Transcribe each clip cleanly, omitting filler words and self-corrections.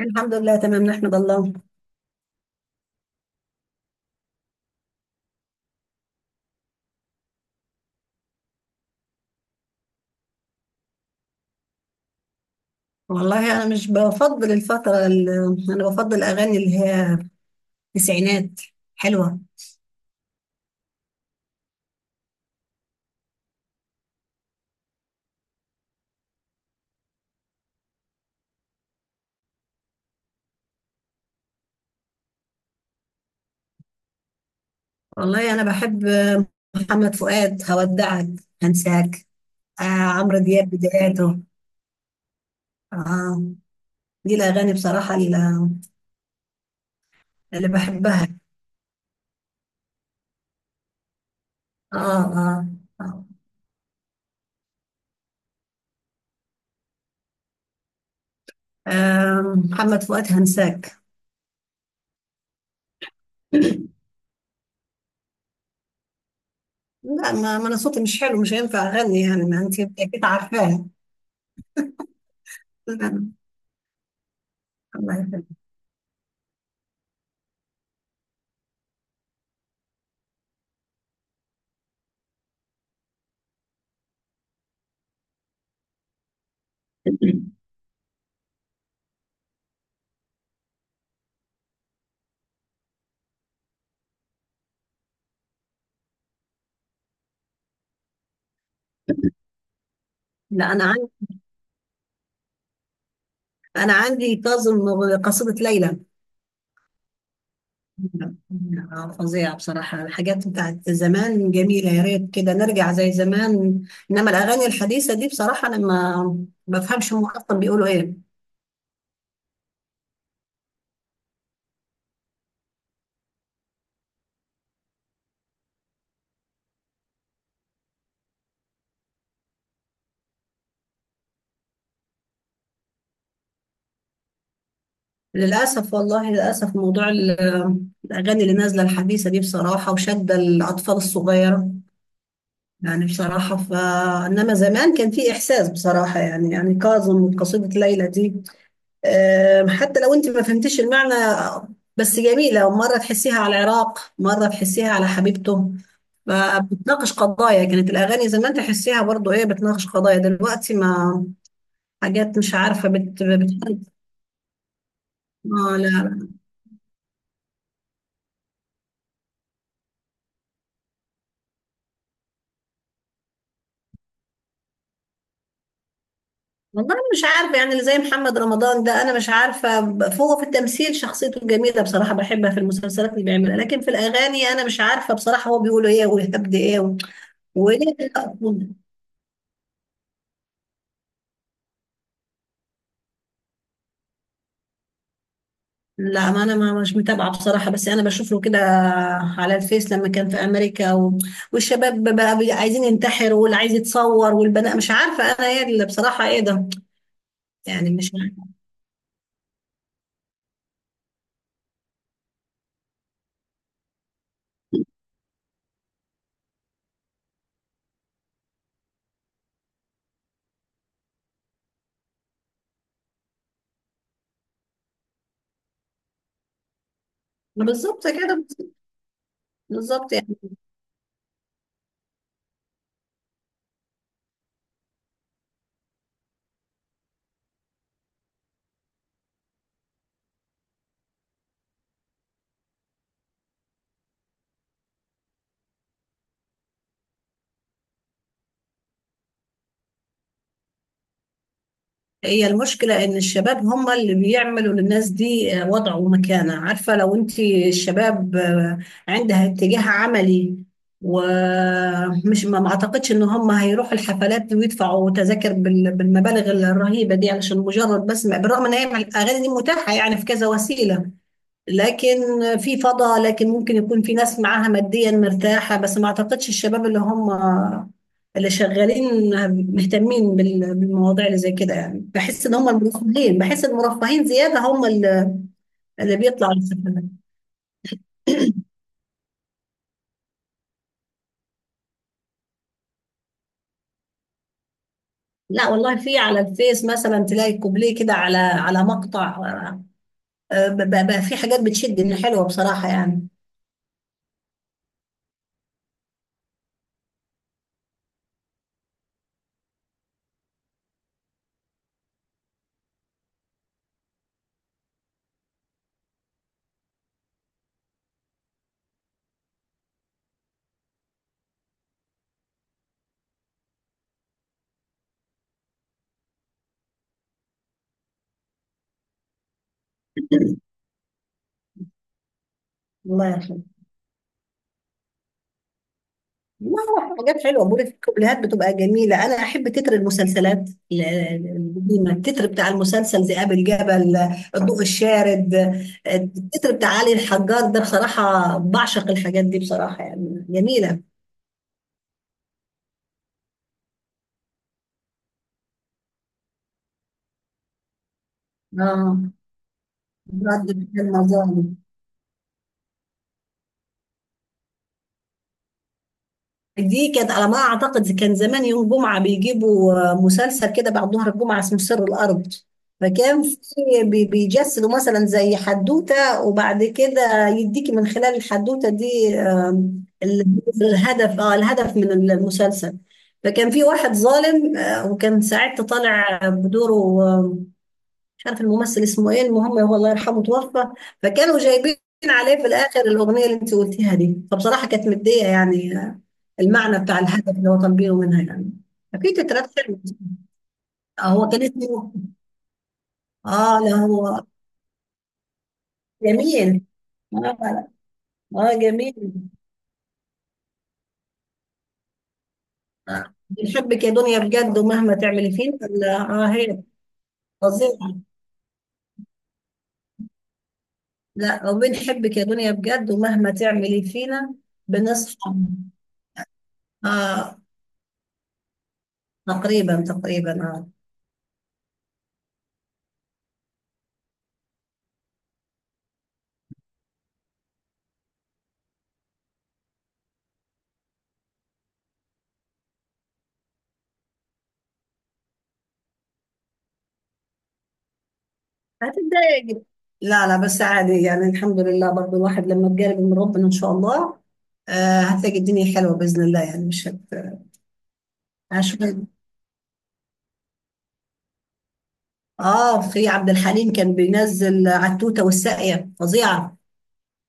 الحمد لله تمام، نحمد الله. والله انا مش بفضل الفتره انا بفضل الاغاني اللي هي تسعينات حلوه. والله انا بحب محمد فؤاد هودعك هنساك. آه، عمرو دياب بداياته. آه، دي الاغاني بصراحه اللي بحبها. اه اه، آه. آه، محمد فؤاد هنساك. لا، ما انا صوتي مش حلو، مش هينفع اغني، يعني ما انت اكيد عارفاه. لا. الله يخليك. لا، انا عندي كاظم قصيدة ليلى. آه، فظيعة بصراحة، الحاجات بتاعت زمان جميلة، يا ريت كده نرجع زي زمان. انما الاغاني الحديثة دي بصراحة انا ما بفهمش هم اصلا بيقولوا ايه. للاسف والله للاسف، موضوع الاغاني اللي نازلة الحديثة دي بصراحة وشادة الاطفال الصغيرة. يعني بصراحة انما زمان كان في احساس بصراحة، يعني كاظم وقصيدة ليلى دي. حتى لو انت ما فهمتيش المعنى، بس جميلة، مرة تحسيها على العراق مرة تحسيها على حبيبته. فبتناقش قضايا، كانت الأغاني زمان تحسيها برضو، ايه بتناقش قضايا دلوقتي؟ ما حاجات مش عارفة بت بت اه، لا، لا. والله أنا مش عارفة يعني اللي زي محمد رمضان ده، أنا مش عارفة، فهو في التمثيل شخصيته جميلة بصراحة بحبها في المسلسلات اللي بيعملها، لكن في الأغاني أنا مش عارفة بصراحة هو بيقول ايه ويهبد ايه. وايه؟ لا، ما انا ما مش متابعه بصراحه، بس انا بشوف له كده على الفيس لما كان في امريكا. والشباب بقى عايزين ينتحر، واللي عايز يتصور، والبنات مش عارفه انا ايه اللي، بصراحه ايه ده؟ يعني مش عارفة. بالظبط كده. بالظبط يعني. هي المشكلة إن الشباب هم اللي بيعملوا للناس دي وضع ومكانة. عارفة لو أنت الشباب عندها اتجاه عملي. ومش ما أعتقدش إن هم هيروحوا الحفلات ويدفعوا تذاكر بالمبالغ الرهيبة دي، علشان مجرد بس بالرغم إن هي الأغاني دي متاحة يعني في كذا وسيلة. لكن في فضا، لكن ممكن يكون في ناس معاها ماديا مرتاحة، بس ما اعتقدش الشباب اللي هم اللي شغالين مهتمين بالمواضيع اللي زي كده، يعني بحس ان هم المرفهين، بحس المرفهين زيادة هم اللي اللي بيطلعوا للسفر. لا والله، في على الفيس مثلا تلاقي كوبليه كده على مقطع. آه، بقى في حاجات بتشد، ان حلوة بصراحة يعني. الله يرحمه. لا، لا، حاجات حلوه، بقول لك الكوبليهات بتبقى جميله، انا احب تتر المسلسلات القديمه. التتر بتاع المسلسل ذئاب الجبل. الضوء الشارد. التتر بتاع علي الحجار ده بصراحه بعشق الحاجات دي بصراحه، يعني جميله. اه، برد في المظالم. دي كانت على ما اعتقد، كان زمان يوم جمعه بيجيبوا مسلسل كده بعد ظهر الجمعه اسمه سر الارض. فكان في بيجسدوا مثلا زي حدوته، وبعد كده يديكي من خلال الحدوته دي الهدف، الهدف من المسلسل. فكان في واحد ظالم وكان ساعتها طالع بدوره. مش عارف الممثل اسمه ايه، المهم هو الله يرحمه توفى. فكانوا جايبين عليه في الاخر الاغنيه اللي انت قلتيها دي، فبصراحه كانت مديه يعني. المعنى بتاع الهدف اللي هو كان بينه منها يعني. ففي تترات حلوه. آه، هو كان اسمه. اه، لا، هو جميل. اه. آه، جميل. آه. بنحبك يا دنيا بجد ومهما تعملي فينا. لا، اه، هي فظيعه. لا، وبنحبك يا دنيا بجد ومهما تعملي فينا. بنصحى. اه. تقريبا تقريبا اه. هتتضايق. لا، لا، بس عادي يعني الحمد لله، برضو الواحد لما بيقرب من ربنا ان شاء الله، آه، هتلاقي الدنيا حلوه باذن الله، يعني مش. عشان. اه، في عبد الحليم كان بينزل على التوته والساقيه فظيعه.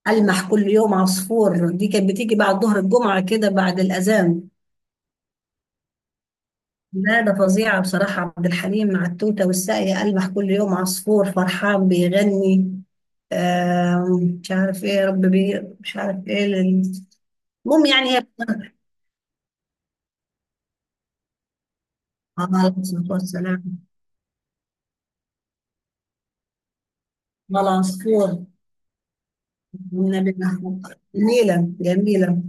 المح كل يوم عصفور دي كانت بتيجي بعد ظهر الجمعه كده بعد الاذان. لا، ده فظيعه بصراحه، عبد الحليم مع التوته والساقيه المح كل يوم عصفور فرحان بيغني. آه، مش عارف ايه يا رب مش عارف ايه. المهم يعني هي. عليه الصلاة والسلام. والعصفور والنبي أحمد، جميلة جميلة.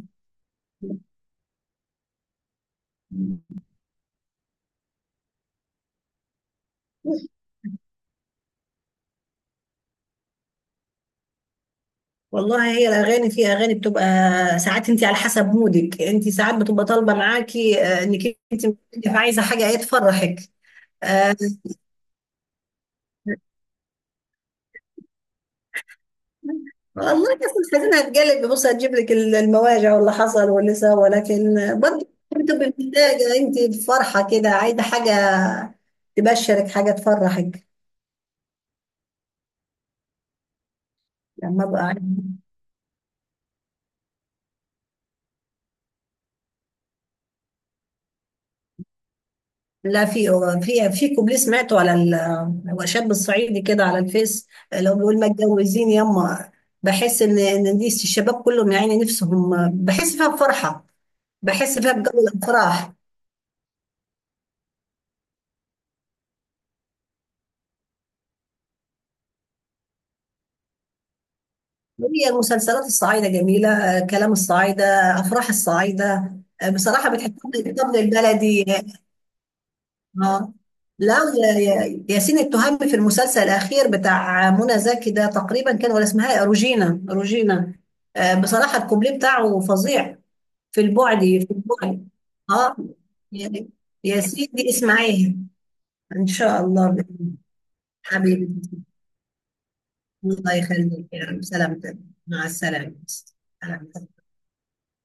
والله هي الأغاني، في أغاني بتبقى ساعات أنت على حسب مودك، أنت ساعات بتبقى طالبة معاكي إنك أنت عايزة حاجة إيه تفرحك. آه، والله الناس الحزينة هتجلب، بص هتجيب لك المواجع واللي حصل واللي سوى، ولكن برضه بتبقي محتاجة أنت فرحة كده، عايزة حاجة تبشرك حاجة تفرحك. لما أبقى قاعدة. لا، في كوبليه سمعته على شاب الصعيدي كده على الفيس. لو بيقول ما اتجوزين يما، بحس ان دي الشباب كلهم يعني نفسهم، بحس فيها بفرحه. بحس فيها بجو الافراح. هي المسلسلات الصعيده جميله. آه، كلام الصعيده. افراح الصعيده. آه، بصراحه بتحب الطبل البلدي. اه، لا، ياسين التهامي في المسلسل الاخير بتاع منى زكي ده تقريبا كان، ولا اسمها إيه؟ روجينا، روجينا. آه، بصراحه الكوبليه بتاعه فظيع. في البعد، في البعد. اه، يا يا سيدي اسمعيه. ان شاء الله بإذن الله. حبيبي. الله يخليك يا رب، سلامتك. مع السلامه. سلامتك.